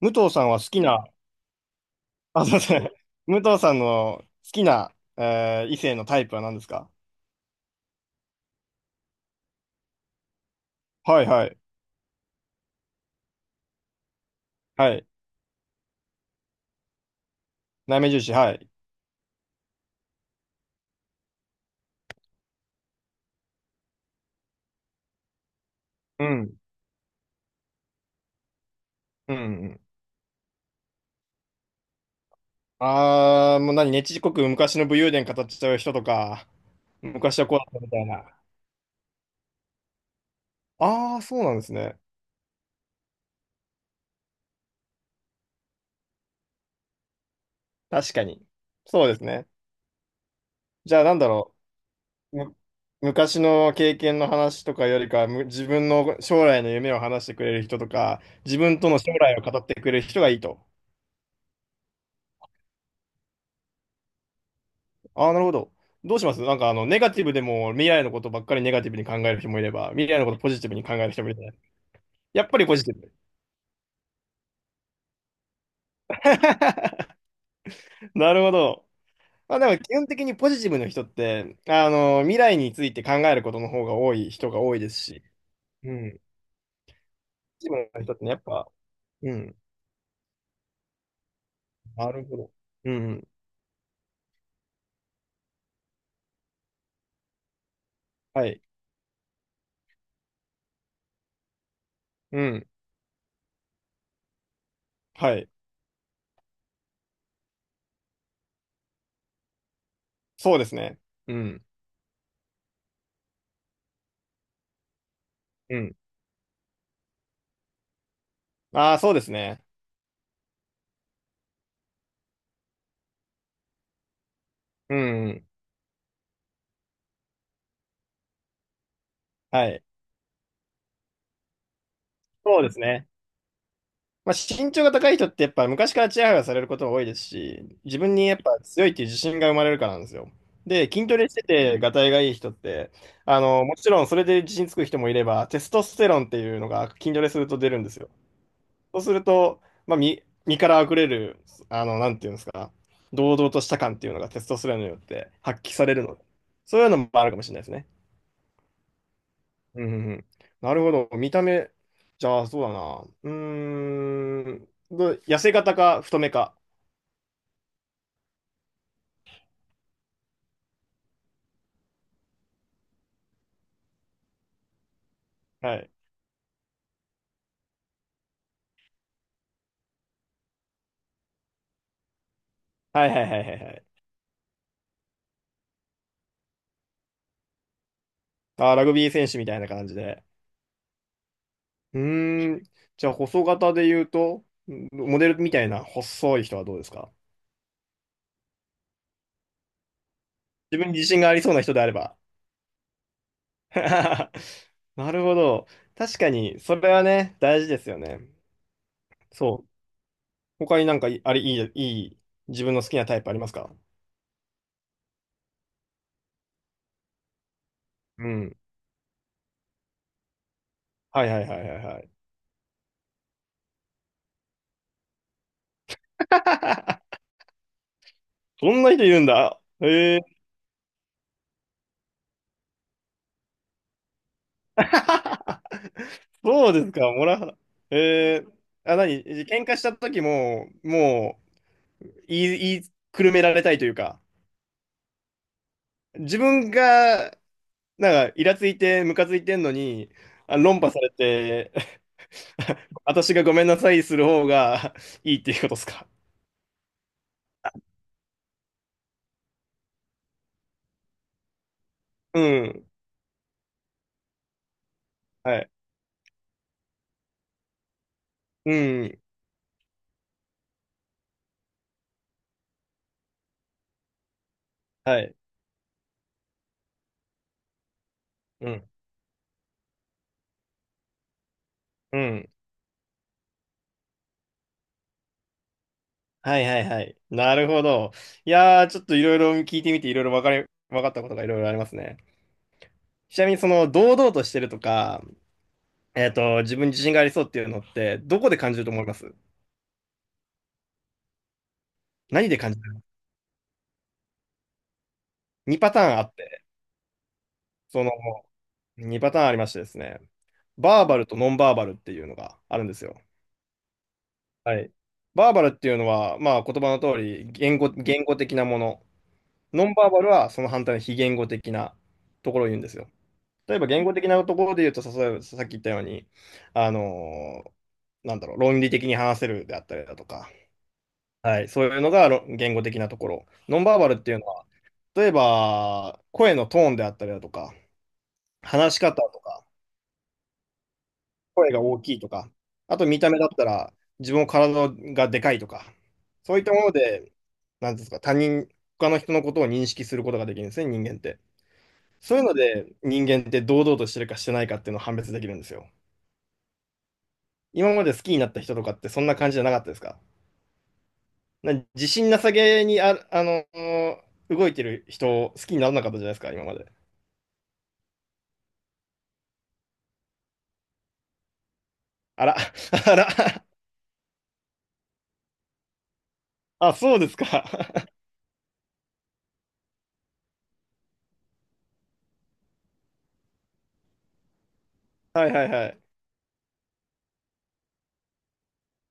武藤さんは好きな、あ、すいません。武藤さんの好きな、異性のタイプは何ですか？はいはい。はい。内面重視、はい。うん。うんうん。あー、もう何、ねちこく昔の武勇伝語っちゃう人とか、昔はこうだったみたいな。あー、そうなんですね。確かに。そうですね。じゃあなんだろう。昔の経験の話とかよりか、自分の将来の夢を話してくれる人とか、自分との将来を語ってくれる人がいいと。ああ、なるほど。どうします？なんか、あの、ネガティブでも未来のことばっかりネガティブに考える人もいれば、未来のことポジティブに考える人もいるじゃない。やっぱりポジティブ。なるほど。まあ、でも基本的にポジティブの人って、あの、未来について考えることの方が多い人が多いですし、うん。ポジティブの人ってね、やっぱ、うん。なるほど。うん。はい。うん。はい。そうですね。うん。うん。ああ、そうですね。うん。はい。そうですね。まあ、身長が高い人ってやっぱ昔からチヤホヤされることが多いですし、自分にやっぱ強いっていう自信が生まれるからなんですよ。で、筋トレしてて、がたいがいい人って、あの、もちろんそれで自信つく人もいれば、テストステロンっていうのが筋トレすると出るんですよ。そうすると、まあ、身から溢れる、あの、なんていうんですか、堂々とした感っていうのがテストステロンによって発揮されるので、そういうのもあるかもしれないですね。うんうんうん。なるほど。見た目、じゃあ、そうだな。うーん。痩せ型か太めか。はい。はいはいはいはいはい。あー、ラグビー選手みたいな感じで。うーん。じゃあ、細型で言うと、モデルみたいな細い人はどうですか？自分に自信がありそうな人であれば。なるほど。確かに、それはね、大事ですよね。そう。他になんかい、あれ、いい、いい、自分の好きなタイプありますか？うん。はいはいはいはいはい。そんな人いるんだ。へえ、そうですか、モラハラ。えー、あ、何喧嘩した時も、もう、言い、言いくるめられたいというか、自分が、なんか、イラついて、ムカついてんのに、あ、論破されて、私がごめんなさいする方が いいっていうことですか。うん。はい。うん。はい。うん。うん。はいはいはい。なるほど。いやー、ちょっといろいろ聞いてみて、いろいろわかり、わかったことがいろいろありますね。ちなみにその堂々としてるとか、えっと、自分に自信がありそうっていうのって、どこで感じると思います？何で感じる？ 2 パターンあって、その2パターンありましてですね、バーバルとノンバーバルっていうのがあるんですよ。はい。バーバルっていうのは、まあ言葉の通り言語的なもの。ノンバーバルはその反対の非言語的なところを言うんですよ。例えば言語的なところで言うと、例えばさっき言ったように、あのーなんだろう、論理的に話せるであったりだとか、はい、そういうのが言語的なところ。ノンバーバルっていうのは、例えば声のトーンであったりだとか、話し方とか、声が大きいとか、あと見た目だったら自分の体がでかいとか、そういったもので、なんていうんですか、他の人のことを認識することができるんですね、人間って。そういうので、人間って堂々としてるかしてないかっていうのを判別できるんですよ。今まで好きになった人とかってそんな感じじゃなかったですか？自信なさげにあの、動いてる人を好きにならなかったじゃないですか、今まで。あら、あら、あ、そうですか。はいはいはい。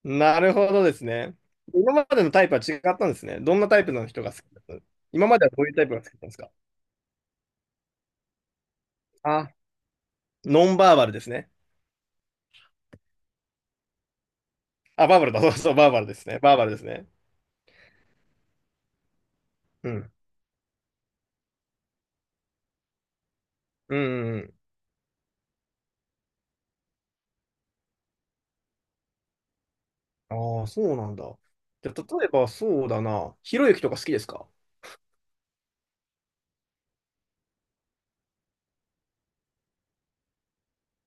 なるほどですね。今までのタイプは違ったんですね。どんなタイプの人が好きだったの？今まではどういうタイプが好きだったんですか？あ、ノンバーバルですね。あ、バーバルだ。そうそう、バーバルですね。バーバルですね。うん。うん、うんうん。ああ、そうなんだ。じゃあ、例えばそうだな。ひろゆきとか好きですか？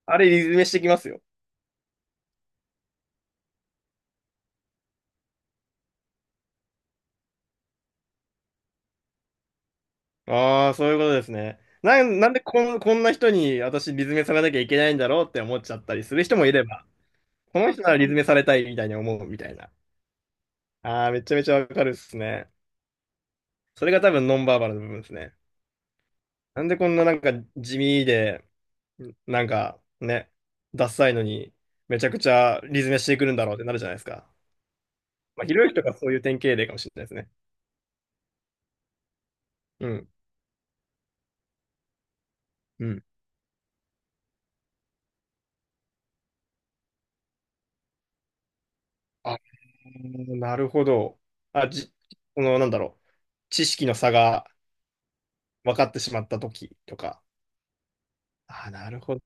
あれ、リズメしてきますよ。ああ、そういうことですね。なんでこんな人に私、リズメされなきゃいけないんだろうって思っちゃったりする人もいれば。この人ならリズメされたいみたいに思うみたいな。ああ、めちゃめちゃわかるっすね。それが多分ノンバーバルの部分ですね。なんでこんななんか地味で、なんかね、ダサいのに、めちゃくちゃリズメしてくるんだろうってなるじゃないですか。まあ、ひろゆきとかそういう典型例かもしれないですね。うん。うん。あー、なるほど。あ、じ、この、なんだろう。知識の差が分かってしまった時とか。あー、なるほど。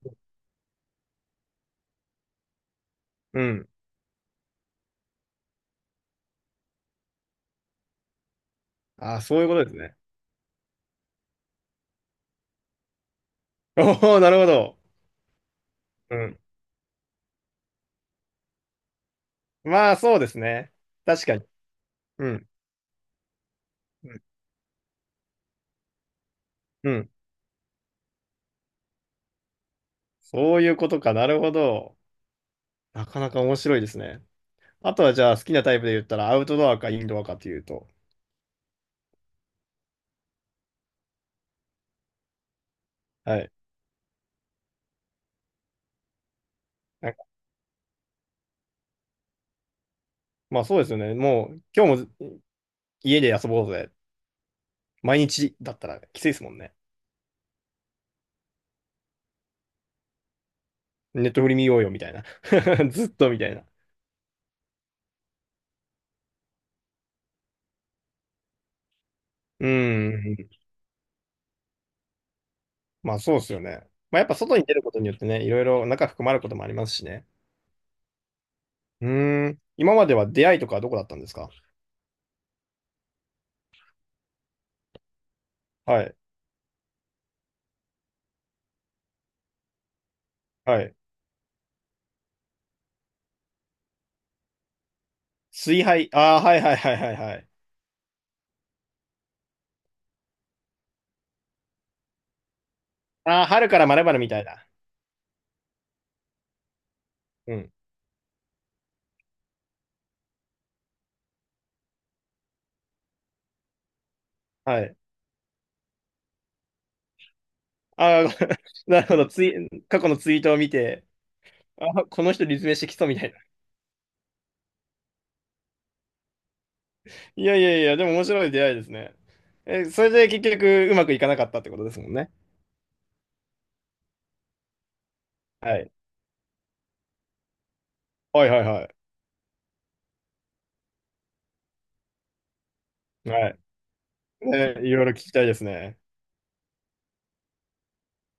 うん。あー、そういうことですね。おお、なるほど。うん。まあ、そうですね。確かに。うん。うん。うん。そういうことか。なるほど。なかなか面白いですね。あとは、じゃあ、好きなタイプで言ったら、アウトドアかインドアかっていうと。はい。なんか、まあ、そうですよね。もう、今日も家で遊ぼうぜ。毎日だったらきついですもんね。ネットフリ見ようよ、みたいな。ずっとみたいな。うん。まあ、そうですよね。まあ、やっぱ外に出ることによってね、いろいろ中含まることもありますしね。うん。今までは出会いとかはどこだったんですか？はい。はい。水杯。ああ、はいはいはいはいはい。ああ、春からまるまるみたいだ。うん。はい。ああ、ご なるほど。過去のツイートを見て、ああ、この人立命してきそうみたいな。いやいやいや、でも面白い出会いですね。え、それで結局うまくいかなかったってことですもんね。はい。はいはいはい。はい。ね、いろいろ聞きたいですね。